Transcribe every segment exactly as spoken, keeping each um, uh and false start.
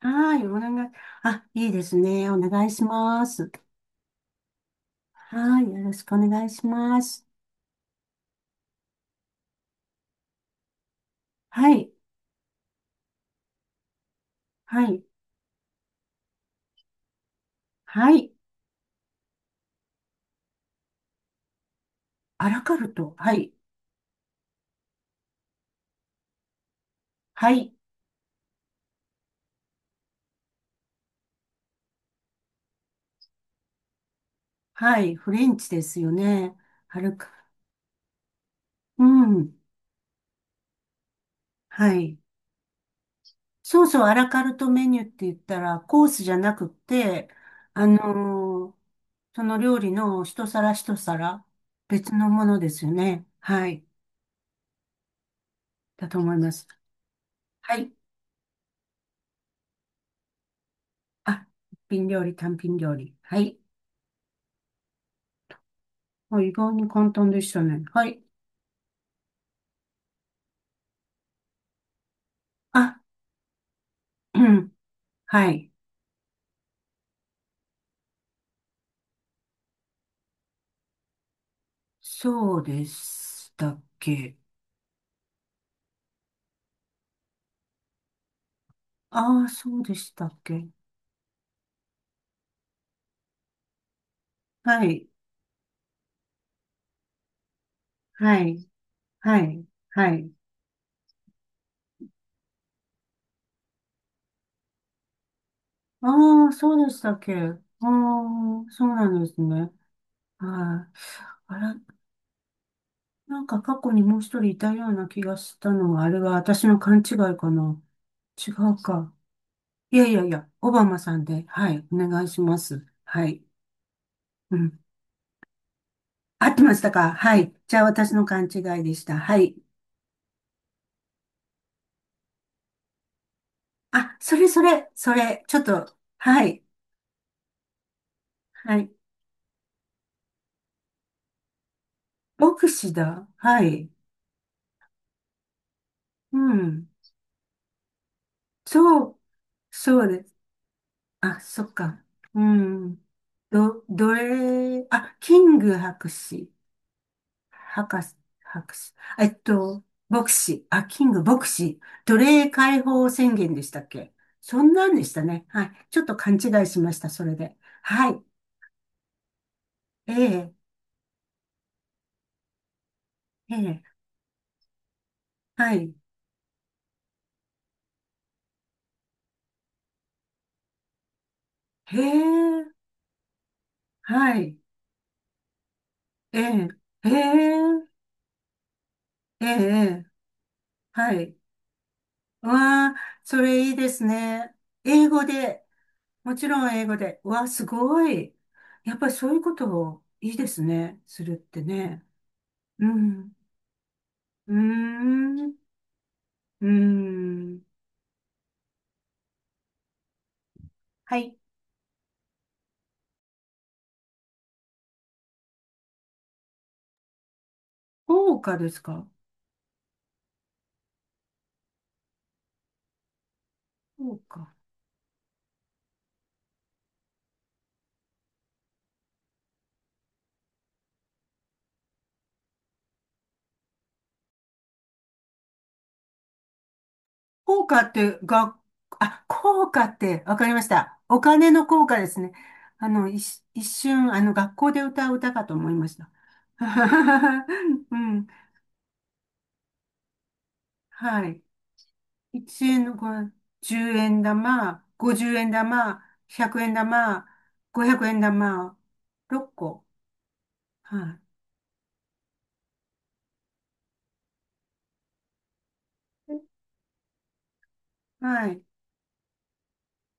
はい、お願い。あ、いいですね。お願いします。はい、よろしくお願いします。はい、はい、はい。アラカルト。はい、はい、はい。フレンチですよね。アラカ、うん、はい。そうそう、アラカルトメニューって言ったら、コースじゃなくって、あのーその料理の一皿一皿、別のものですよね。はい、だと思います。はい。あ、一品料理、単品料理。はい。あ、意外に簡単でしたね。はい。あ、うん。はい。そうでしたっけ。ああ、そうでしたっけ。はい。はい。はい。はい。ああ、そうでしたっけ。ああ、そうなんですね。はい。あら、なんか過去にもう一人いたような気がしたのは、あれは私の勘違いかな。違うか。いやいやいや、オバマさんで。はい。お願いします。はい。うん、合ってましたか？はい。じゃあ私の勘違いでした。はい。あ、それそれ、それ、ちょっと、はい。はい。牧師だ。はい。うん。そう、そうです。あ、そっか。うん。ど、どれ、あ、キング博士。博士、博士。えっと、牧師。あ、キング牧師。奴隷解放宣言でしたっけ？そんなんでしたね。はい。ちょっと勘違いしました、それで。はい。ええ、ええ、はい。へえ、はい。ええ、へえ、ええ、はい。わあ、それいいですね。英語で、もちろん英語で。わあ、すごい。やっぱりそういうことをいいですね。するってね。うん。うーん。うーん。はい。豪華ですか？豪華。効果って、が、あ、効果って、わかりました。お金の効果ですね。あの、いし一瞬、あの、学校で歌う歌かと思いました。うん。はい。いちえんのこうじゅうえん玉、ごじゅうえん玉、ひゃくえん玉、ごひゃくえん玉、ろっこ。はい。はい。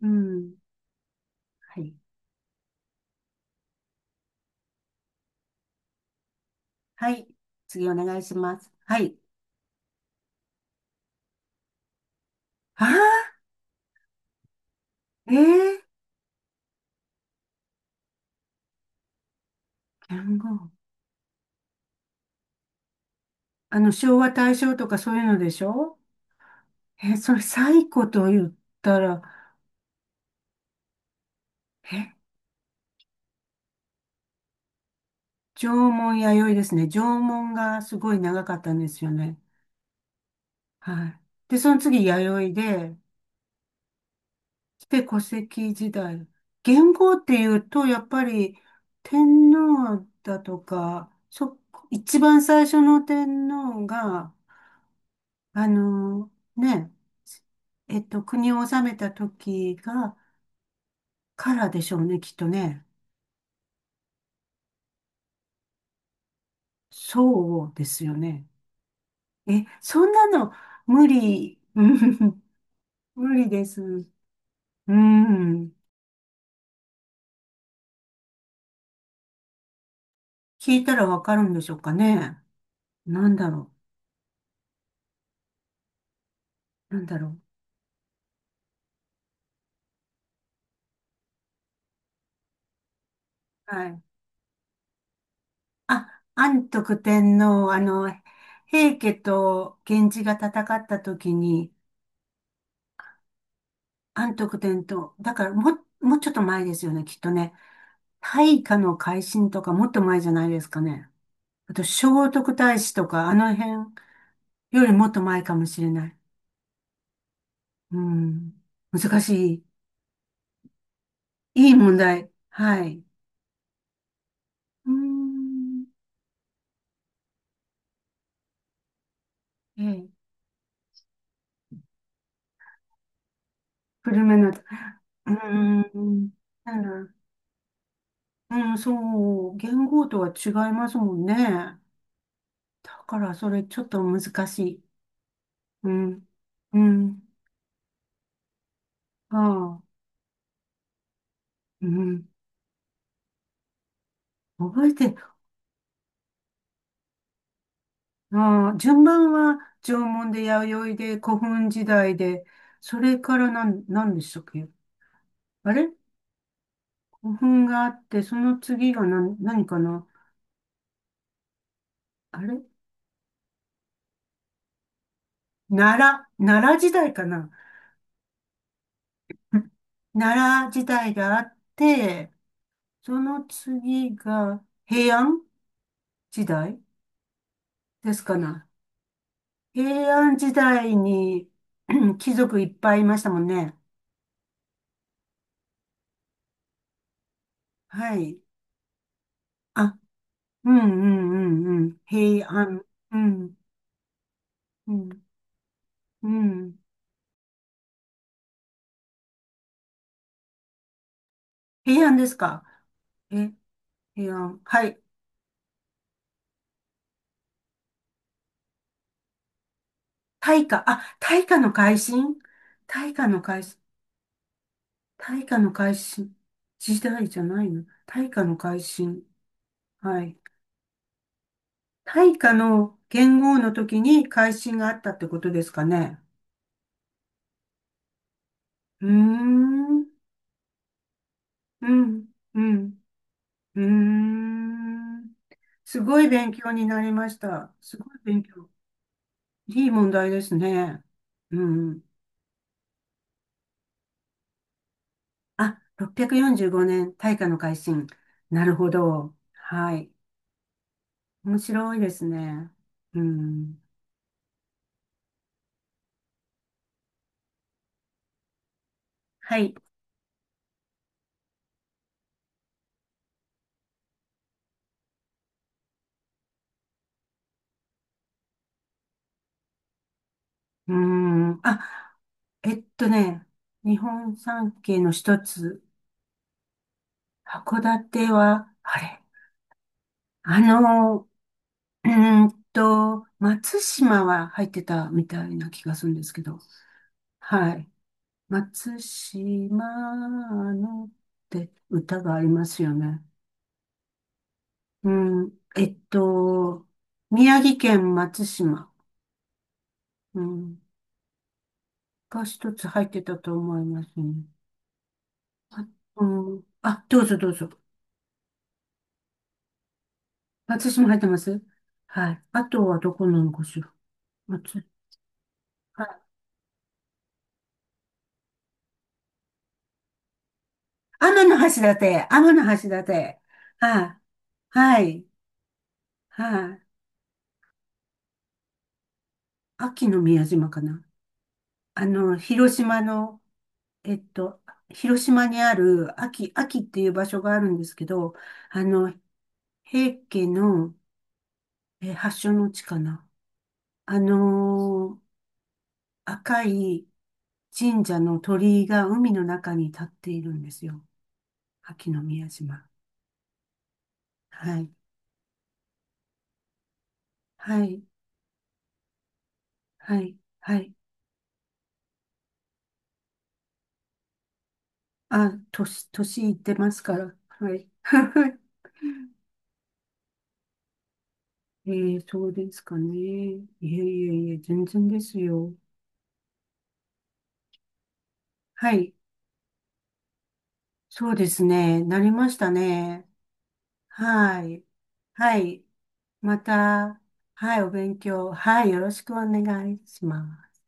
うん。はい。はい。次お願いします。はい。ああ、ええー、言語あの、昭和、大正とかそういうのでしょ？え、それ、最古と言ったら、え、縄文弥生ですね。縄文がすごい長かったんですよね。はい。で、その次、弥生で、で、古籍時代。元号っていうと、やっぱり、天皇だとか、そ、一番最初の天皇が、あの、ね、えっと、国を治めた時が、からでしょうね、きっとね。そうですよね。え、そんなの無理、うん、無理です。うん。聞いたらわかるんでしょうかね。なんだろう、なんだろう。はい。あ、安徳天皇、あの、平家と源氏が戦った時に、安徳天皇、だからもう、もうちょっと前ですよね、きっとね。大化の改新とかもっと前じゃないですかね。あと、聖徳太子とか、あの辺よりもっと前かもしれない。うん。難しい。いい問題。はい。うーん。ええ。古めの、うーん。なら、うん、そう。元号とは違いますもんね。だから、それちょっと難しい。うん。うん。ああ。うん。覚えて、ああ、順番は縄文で弥生で古墳時代で、それからなん、何でしたっけ？あれ、古墳があって、その次が何、何かな？あれ、奈良、奈良時代かな？奈良時代があって、その次が平安時代ですかな。平安時代に 貴族いっぱいいましたもんね。はい。あ、うんうんうんうん。平安。うん、うん、うん。平安ですか。え、平安。はい。大化。あ、大化の改新。大化の改新。大化の改新。時代じゃないの。大化の改新。はい。大化の元号の時に改新があったってことですかね。うーん、うん、うん、うーん。すごい勉強になりました。すごい勉強。いい問題ですね。うん。あ、ろっぴゃくよんじゅうごねん、大化の改新。なるほど。はい。面白いですね。うん。はい。うーん。あ、えっとね、日本三景の一つ、函館は、あれあの、うーんと、松島は入ってたみたいな気がするんですけど、はい。松島のって歌がありますよね。うん、えっと、宮城県松島、うん、が一つ入ってたと思いますね。あ、うん、あ、どうぞどうぞ。松島入ってます。はい。あとはどこなのかしら。松、はい。天橋立、天橋立。はい。はい。はい。秋の宮島かな。あの、広島の、えっと、広島にある秋、秋っていう場所があるんですけど、あの、平家のえー発祥の地かな。あのー赤い神社の鳥居が海の中に立っているんですよ。秋の宮島。はい。はい。はい。はい。あ、年、年いってますから。はい。えー、そうですかね。いえいえいえ、全然ですよ。はい。そうですね。なりましたね。はい。はい。また、はい、お勉強。はい、よろしくお願いします。